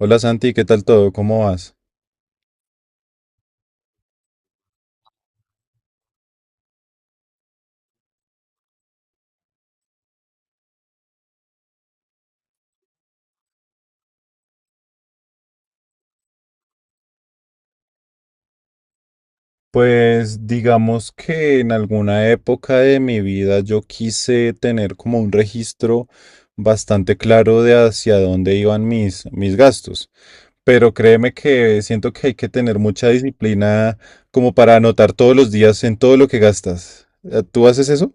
Hola Santi, ¿qué tal todo? ¿Cómo vas? Pues digamos que en alguna época de mi vida yo quise tener como un registro bastante claro de hacia dónde iban mis gastos, pero créeme que siento que hay que tener mucha disciplina como para anotar todos los días en todo lo que gastas. ¿Tú haces eso?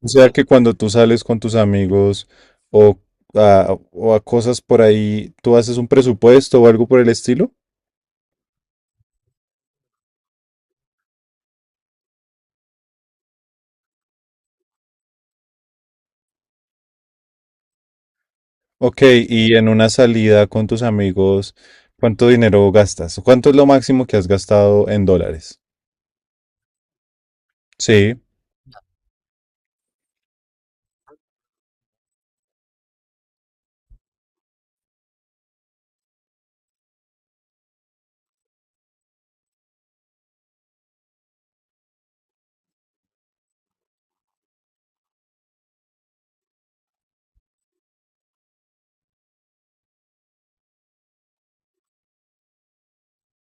O sea que cuando tú sales con tus amigos o o a cosas por ahí, ¿tú haces un presupuesto o algo por el estilo? Ok, y en una salida con tus amigos, ¿cuánto dinero gastas? ¿Cuánto es lo máximo que has gastado en dólares? Sí.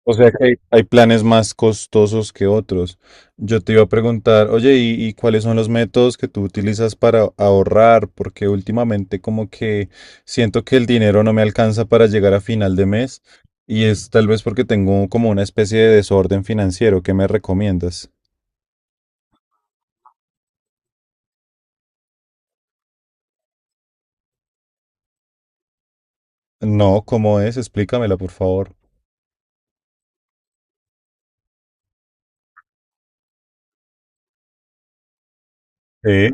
O sea que hay planes más costosos que otros. Yo te iba a preguntar, oye, ¿y cuáles son los métodos que tú utilizas para ahorrar? Porque últimamente como que siento que el dinero no me alcanza para llegar a final de mes y es tal vez porque tengo como una especie de desorden financiero. ¿Qué me recomiendas? No, ¿cómo es? Explícamela, por favor. Sí.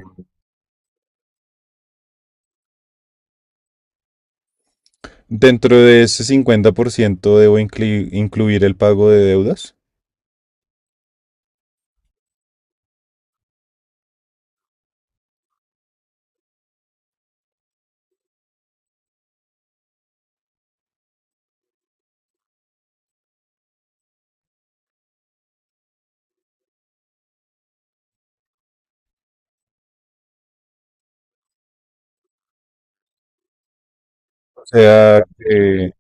Dentro de ese 50% debo incluir el pago de deudas. O sea, que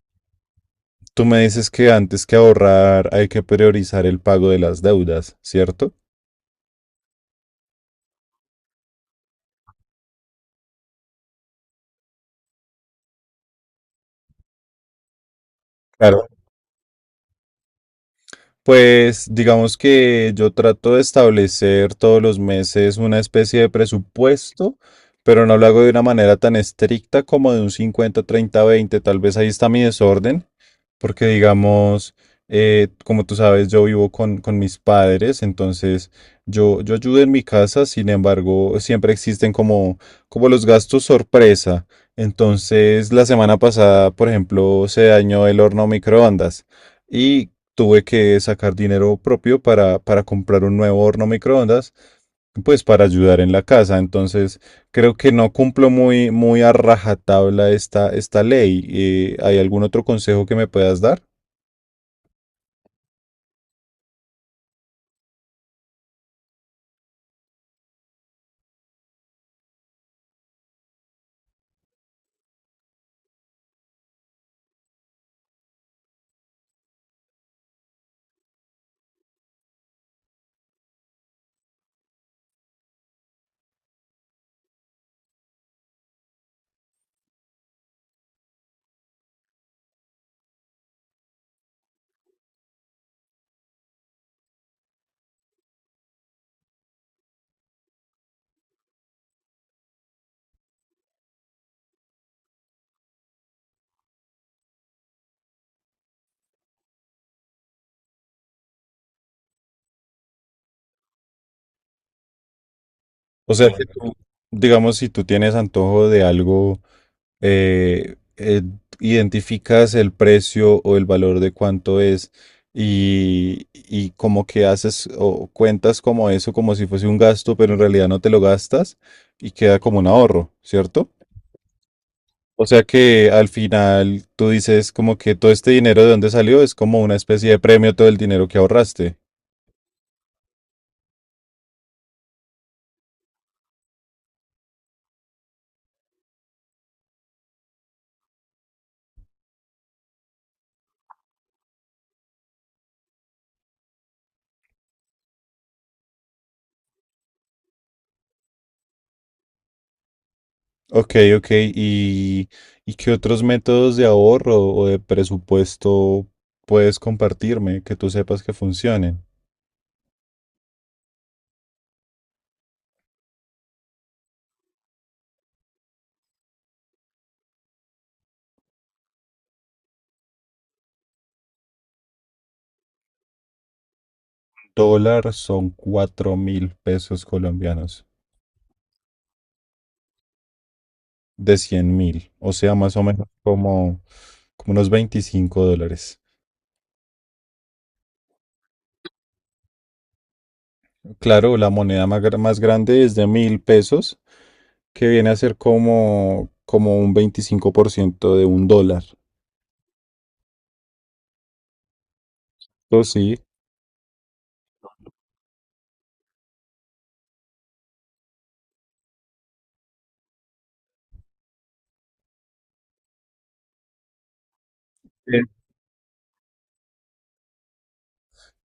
Tú me dices que antes que ahorrar hay que priorizar el pago de las deudas, ¿cierto? Claro, pues digamos que yo trato de establecer todos los meses una especie de presupuesto, pero no lo hago de una manera tan estricta como de un 50/30/20. Tal vez ahí está mi desorden, porque digamos, como tú sabes, yo vivo con mis padres, entonces yo ayudo en mi casa, sin embargo, siempre existen como los gastos sorpresa. Entonces, la semana pasada, por ejemplo, se dañó el horno microondas. Y tuve que sacar dinero propio para comprar un nuevo horno microondas, pues para ayudar en la casa. Entonces, creo que no cumplo muy a rajatabla esta ley. ¿Hay algún otro consejo que me puedas dar? O sea que bueno, tú, digamos, si tú tienes antojo de algo, eh, eh, identificas el precio o el valor de cuánto es y como que haces o cuentas como eso, como si fuese un gasto, pero en realidad no te lo gastas y queda como un ahorro, ¿cierto? O sea que al final tú dices como que todo este dinero de dónde salió es como una especie de premio todo el dinero que ahorraste. Ok, ok. ¿Y, y qué otros métodos de ahorro o de presupuesto puedes compartirme que tú sepas que funcionen? Dólar son 4000 pesos colombianos de 100000, o sea, más o menos como, como unos 25 dólares. Claro, la moneda más, más grande es de 1000 pesos, que viene a ser como un 25% de un dólar. Eso sí.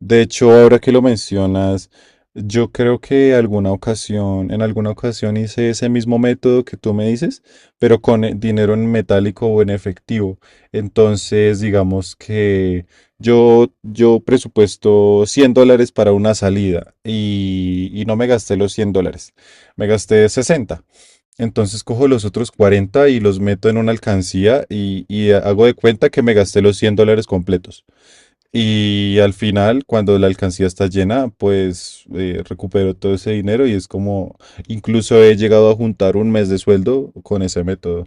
De hecho, ahora que lo mencionas, yo creo que en alguna ocasión hice ese mismo método que tú me dices, pero con dinero en metálico o en efectivo. Entonces, digamos que yo presupuesto 100 dólares para una salida y no me gasté los 100 dólares, me gasté 60. Entonces cojo los otros 40 y los meto en una alcancía y hago de cuenta que me gasté los 100 dólares completos. Y al final, cuando la alcancía está llena, pues recupero todo ese dinero y es como, incluso he llegado a juntar un mes de sueldo con ese método.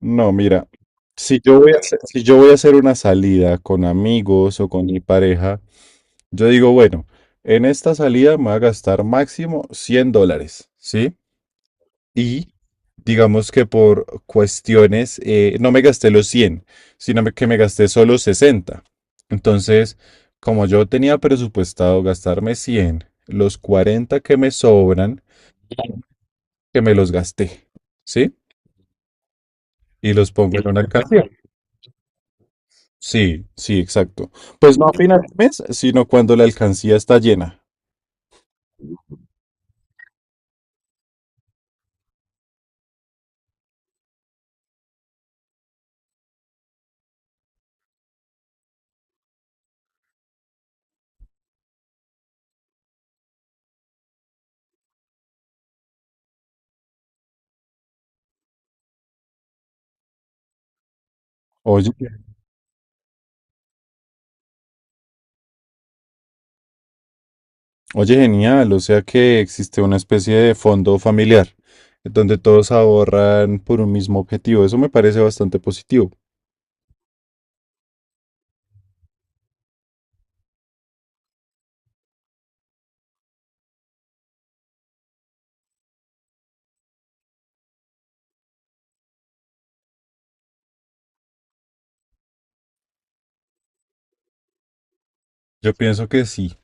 No, mira, si yo voy a hacer, si yo voy a hacer una salida con amigos o con mi pareja, yo digo, bueno, en esta salida me voy a gastar máximo 100 dólares, ¿sí? Y digamos que por cuestiones, no me gasté los 100 que me gasté solo 60. Entonces, como yo tenía presupuestado gastarme 100, los 40 que me sobran, que me los gasté, ¿sí? Y los pongo en una alcancía. Sí, sí, exacto. Pues no a final de mes, sino cuando la alcancía está llena. Oye. Oye, genial, o sea que existe una especie de fondo familiar donde todos ahorran por un mismo objetivo. Eso me parece bastante positivo. Yo pienso que sí.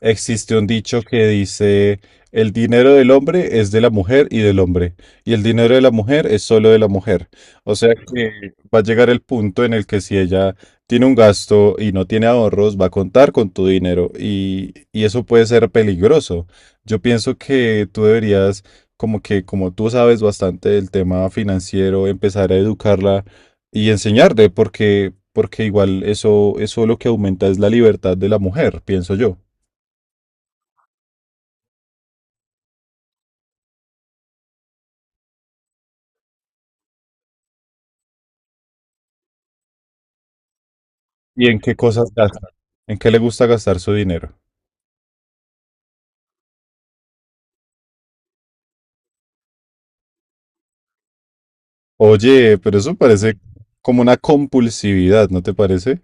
Existe un dicho que dice, el dinero del hombre es de la mujer y del hombre, y el dinero de la mujer es solo de la mujer. O sea que va a llegar el punto en el que si ella tiene un gasto y no tiene ahorros, va a contar con tu dinero y eso puede ser peligroso. Yo pienso que tú deberías, como que como tú sabes bastante del tema financiero, empezar a educarla y enseñarle, porque, porque igual eso, eso lo que aumenta es la libertad de la mujer, pienso yo. ¿Y en qué cosas gasta? ¿En qué le gusta gastar su dinero? Oye, pero eso parece como una compulsividad, ¿no te parece?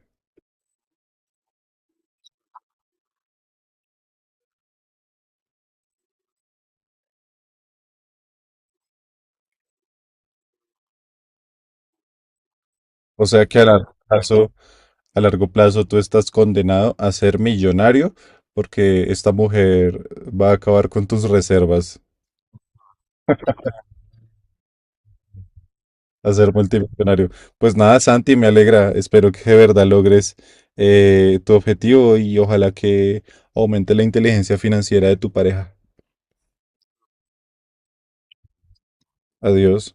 O sea que a largo plazo tú estás condenado a ser millonario porque esta mujer va a acabar con tus reservas, a ser multimillonario. Pues nada, Santi, me alegra. Espero que de verdad logres tu objetivo y ojalá que aumente la inteligencia financiera de tu pareja. Adiós.